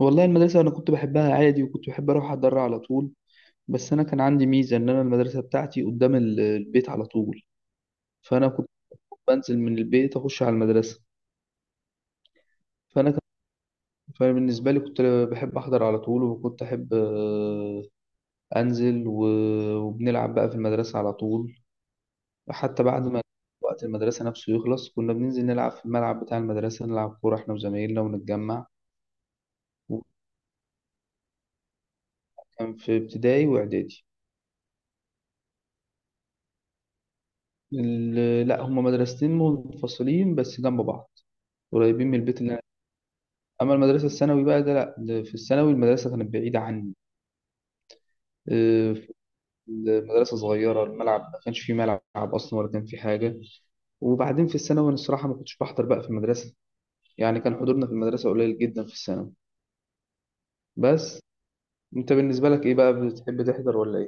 والله المدرسة أنا كنت بحبها عادي، وكنت بحب أروح أتدرع على طول. بس أنا كان عندي ميزة إن أنا المدرسة بتاعتي قدام البيت على طول. فأنا كنت بنزل من البيت أخش على المدرسة. فأنا كان. فبالنسبة لي كنت بحب أحضر على طول، وكنت أحب أنزل وبنلعب بقى في المدرسة على طول. حتى بعد ما وقت المدرسة نفسه يخلص كنا بننزل نلعب في الملعب بتاع المدرسة، نلعب كورة إحنا وزمايلنا ونتجمع. وكان في ابتدائي وإعدادي. لا، هما مدرستين منفصلين بس جنب بعض، قريبين من البيت اللي أنا. أما المدرسة الثانوي بقى ده، لا ده في الثانوي المدرسة كانت بعيدة عني. آه، في المدرسة صغيرة، الملعب ما كانش فيه ملعب أصلا ولا كان فيه حاجة. وبعدين في الثانوي أنا الصراحة ما كنتش بحضر بقى في المدرسة، يعني كان حضورنا في المدرسة قليل جدا في الثانوي. بس أنت بالنسبة لك إيه بقى، بتحب تحضر ولا إيه؟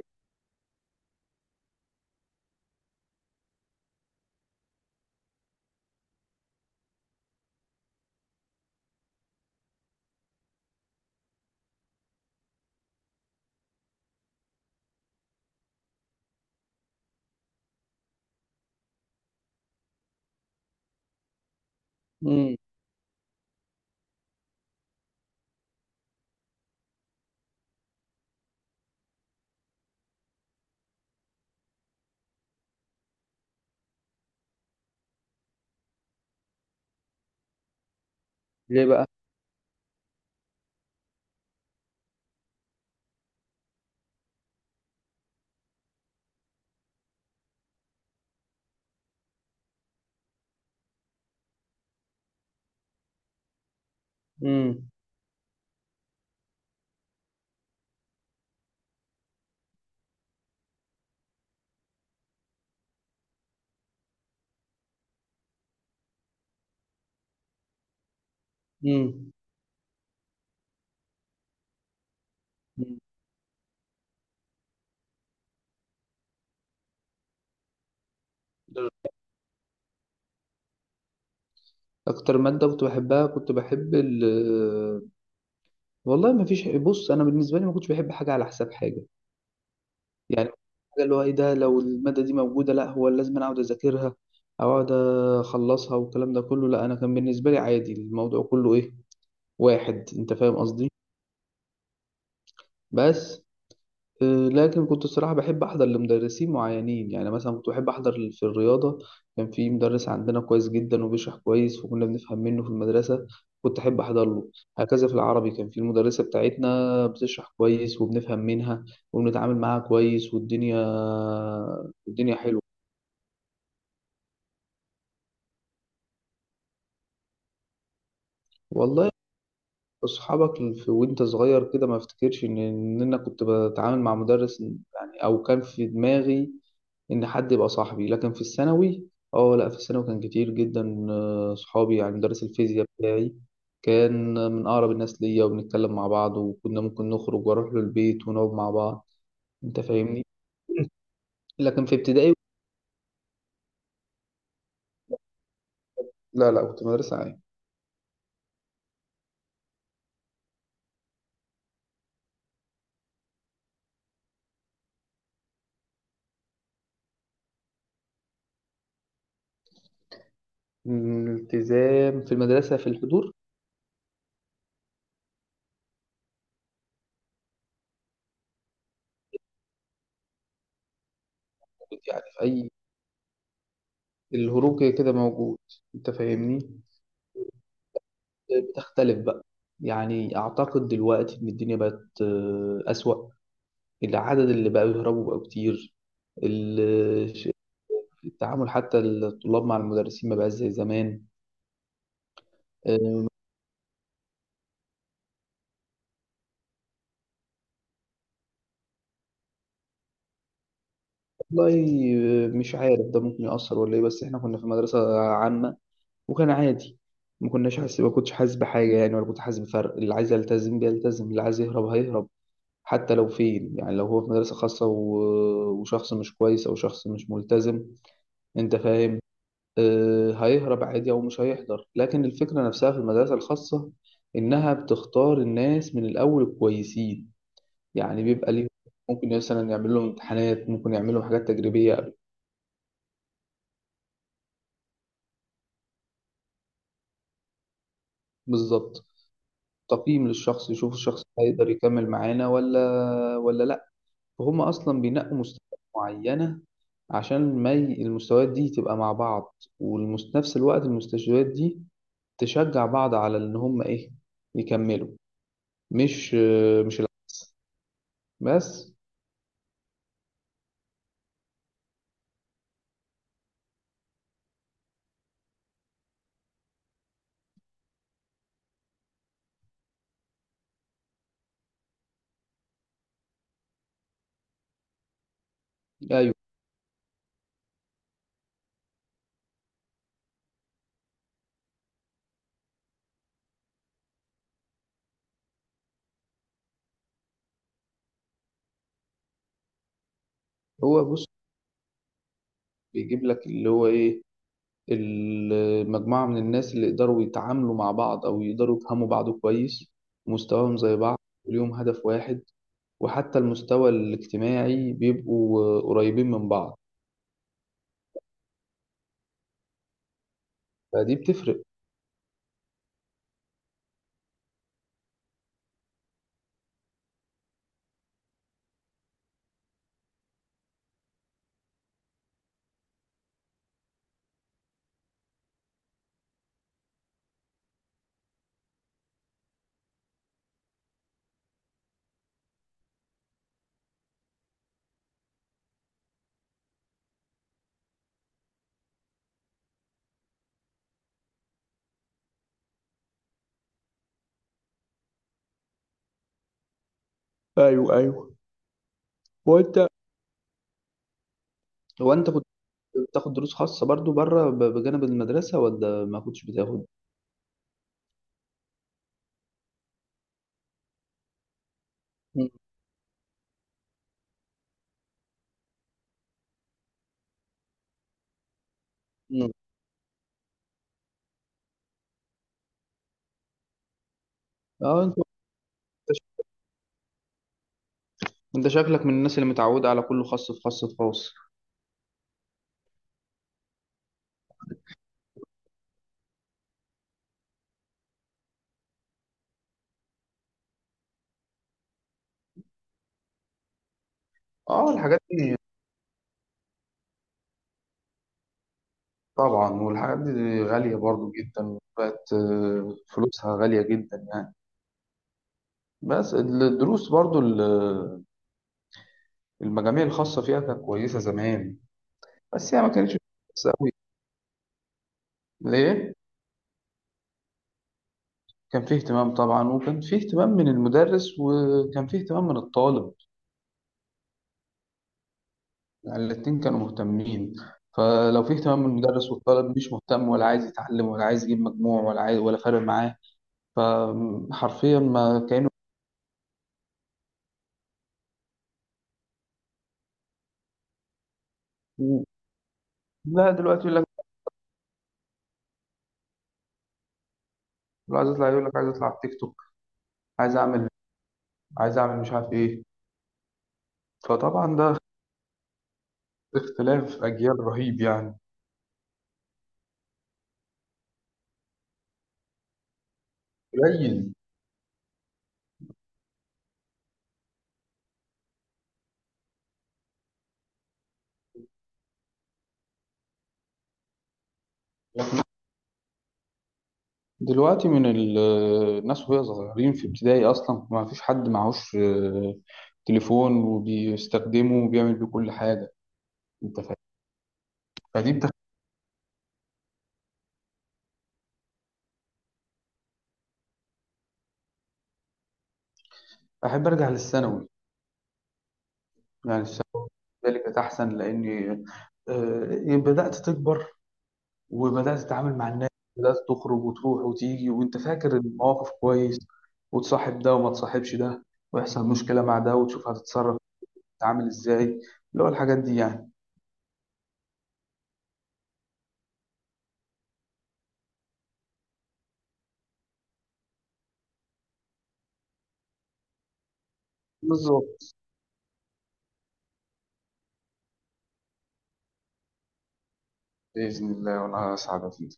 مم. ليه بقى؟ مم. مم. مم. أكتر مادة كنت بحبها، كنت بحب ال. والله ما فيش، بص انا بالنسبه لي ما كنتش بحب حاجه على حساب حاجه. يعني حاجه اللي هو ايه ده، لو الماده دي موجوده لا هو لازم انا اقعد اذاكرها او اقعد اخلصها والكلام ده كله، لا انا كان بالنسبه لي عادي الموضوع كله ايه، واحد. انت فاهم قصدي؟ بس لكن كنت الصراحة بحب أحضر لمدرسين معينين، يعني مثلا كنت بحب أحضر في الرياضة. كان في مدرس عندنا كويس جدا وبيشرح كويس وكنا بنفهم منه في المدرسة، كنت أحب أحضر له. هكذا في العربي، كان في المدرسة بتاعتنا بتشرح كويس وبنفهم منها وبنتعامل معاها كويس، والدنيا الدنيا حلوة. والله أصحابك في وأنت صغير كده ما أفتكرش إن أنا كنت بتعامل مع مدرس يعني، أو كان في دماغي ان حد يبقى صاحبي. لكن في الثانوي، اه لا في الثانوي كان كتير جدا صحابي، يعني مدرس الفيزياء بتاعي كان من اقرب الناس ليا، وبنتكلم مع بعض وكنا ممكن نخرج واروح له البيت ونقعد مع بعض. انت فاهمني؟ لكن في ابتدائي. لا لا، كنت مدرسة عام. الالتزام في المدرسة في الحضور. يعني في أي، الهروب كده كده موجود. أنت فاهمني؟ بتختلف بقى، يعني أعتقد دلوقتي إن الدنيا بقت أسوأ، العدد اللي بقى بيهربوا بقى كتير. ال- ش- التعامل حتى الطلاب مع المدرسين ما بقاش زي زمان. آه، والله مش عارف ده ممكن يأثر ولا ايه، بس احنا كنا في مدرسة عامة وكان عادي، ما كناش حاسس، ما كنتش حاسس بحاجة يعني، ولا كنت حاسس بفرق. اللي عايز يلتزم بيلتزم، اللي عايز يهرب هيهرب. حتى لو فين، يعني لو هو في مدرسة خاصة وشخص مش كويس أو شخص مش ملتزم، أنت فاهم، هيهرب عادي أو مش هيحضر. لكن الفكرة نفسها في المدرسة الخاصة إنها بتختار الناس من الأول الكويسين، يعني بيبقى ليهم ممكن مثلا يعمل لهم امتحانات، ممكن يعمل لهم حاجات تجريبية. بالظبط، تقييم للشخص يشوف الشخص ده هيقدر يكمل معانا ولا لأ. فهم أصلا بينقوا مستويات معينة، عشان ما ي- المستويات دي تبقى مع بعض، وفي نفس الوقت المستشفيات دي تشجع بعض على إن هم إيه، يكملوا. مش مش بس. ايوه. هو بص بيجيب لك اللي هو ايه، المجموعه من الناس اللي يقدروا يتعاملوا مع بعض او يقدروا يفهموا بعض كويس، مستواهم زي بعض وليهم هدف واحد، وحتى المستوى الاجتماعي بيبقوا قريبين من بعض. فدي بتفرق. ايوه ايوه. وانت، هو انت كنت بتاخد دروس خاصه برضو بره بجانب المدرسه ولا ما كنتش بتاخد؟ م- م. اه انت، انت شكلك من الناس اللي متعوده على كله خاص في خاص في خاص. اه الحاجات، طبعا والحاجات دي غالية برضو جدا بقت، فلوسها غالية جدا يعني. بس الدروس برضو المجاميع الخاصة فيها كانت كويسة زمان. بس هي ما كانتش كويسة أوي. ليه؟ كان فيه اهتمام طبعا، وكان فيه اهتمام من المدرس وكان فيه اهتمام من الطالب، يعني الاتنين كانوا مهتمين. فلو فيه اهتمام من المدرس والطالب مش مهتم ولا عايز يتعلم ولا عايز يجيب مجموع ولا عايز ولا فارق معاه، فحرفيا ما كانوا. لا دلوقتي يقول لك، لو عايز يطلع يقول لك عايز يطلع على التيك توك، عايز اعمل عايز اعمل مش عارف ايه. فطبعا ده اختلاف اجيال رهيب يعني. قليل. لكن دلوقتي من الناس وهي صغيرين في ابتدائي اصلا ما فيش حد معهوش تليفون وبيستخدمه وبيعمل بيه كل حاجه، انت فاهم؟ فدي بتخ... احب ارجع للثانوي. يعني الثانوي ذلك احسن، لاني بدات تكبر، وبدأت تتعامل مع الناس، بدأت تخرج وتروح وتيجي وانت فاكر المواقف كويس، وتصاحب ده وما تصاحبش ده، ويحصل مشكلة مع ده وتشوف هتتصرف تتعامل ازاي. اللي هو الحاجات دي يعني. بالظبط. بإذن الله وأنا أسعد.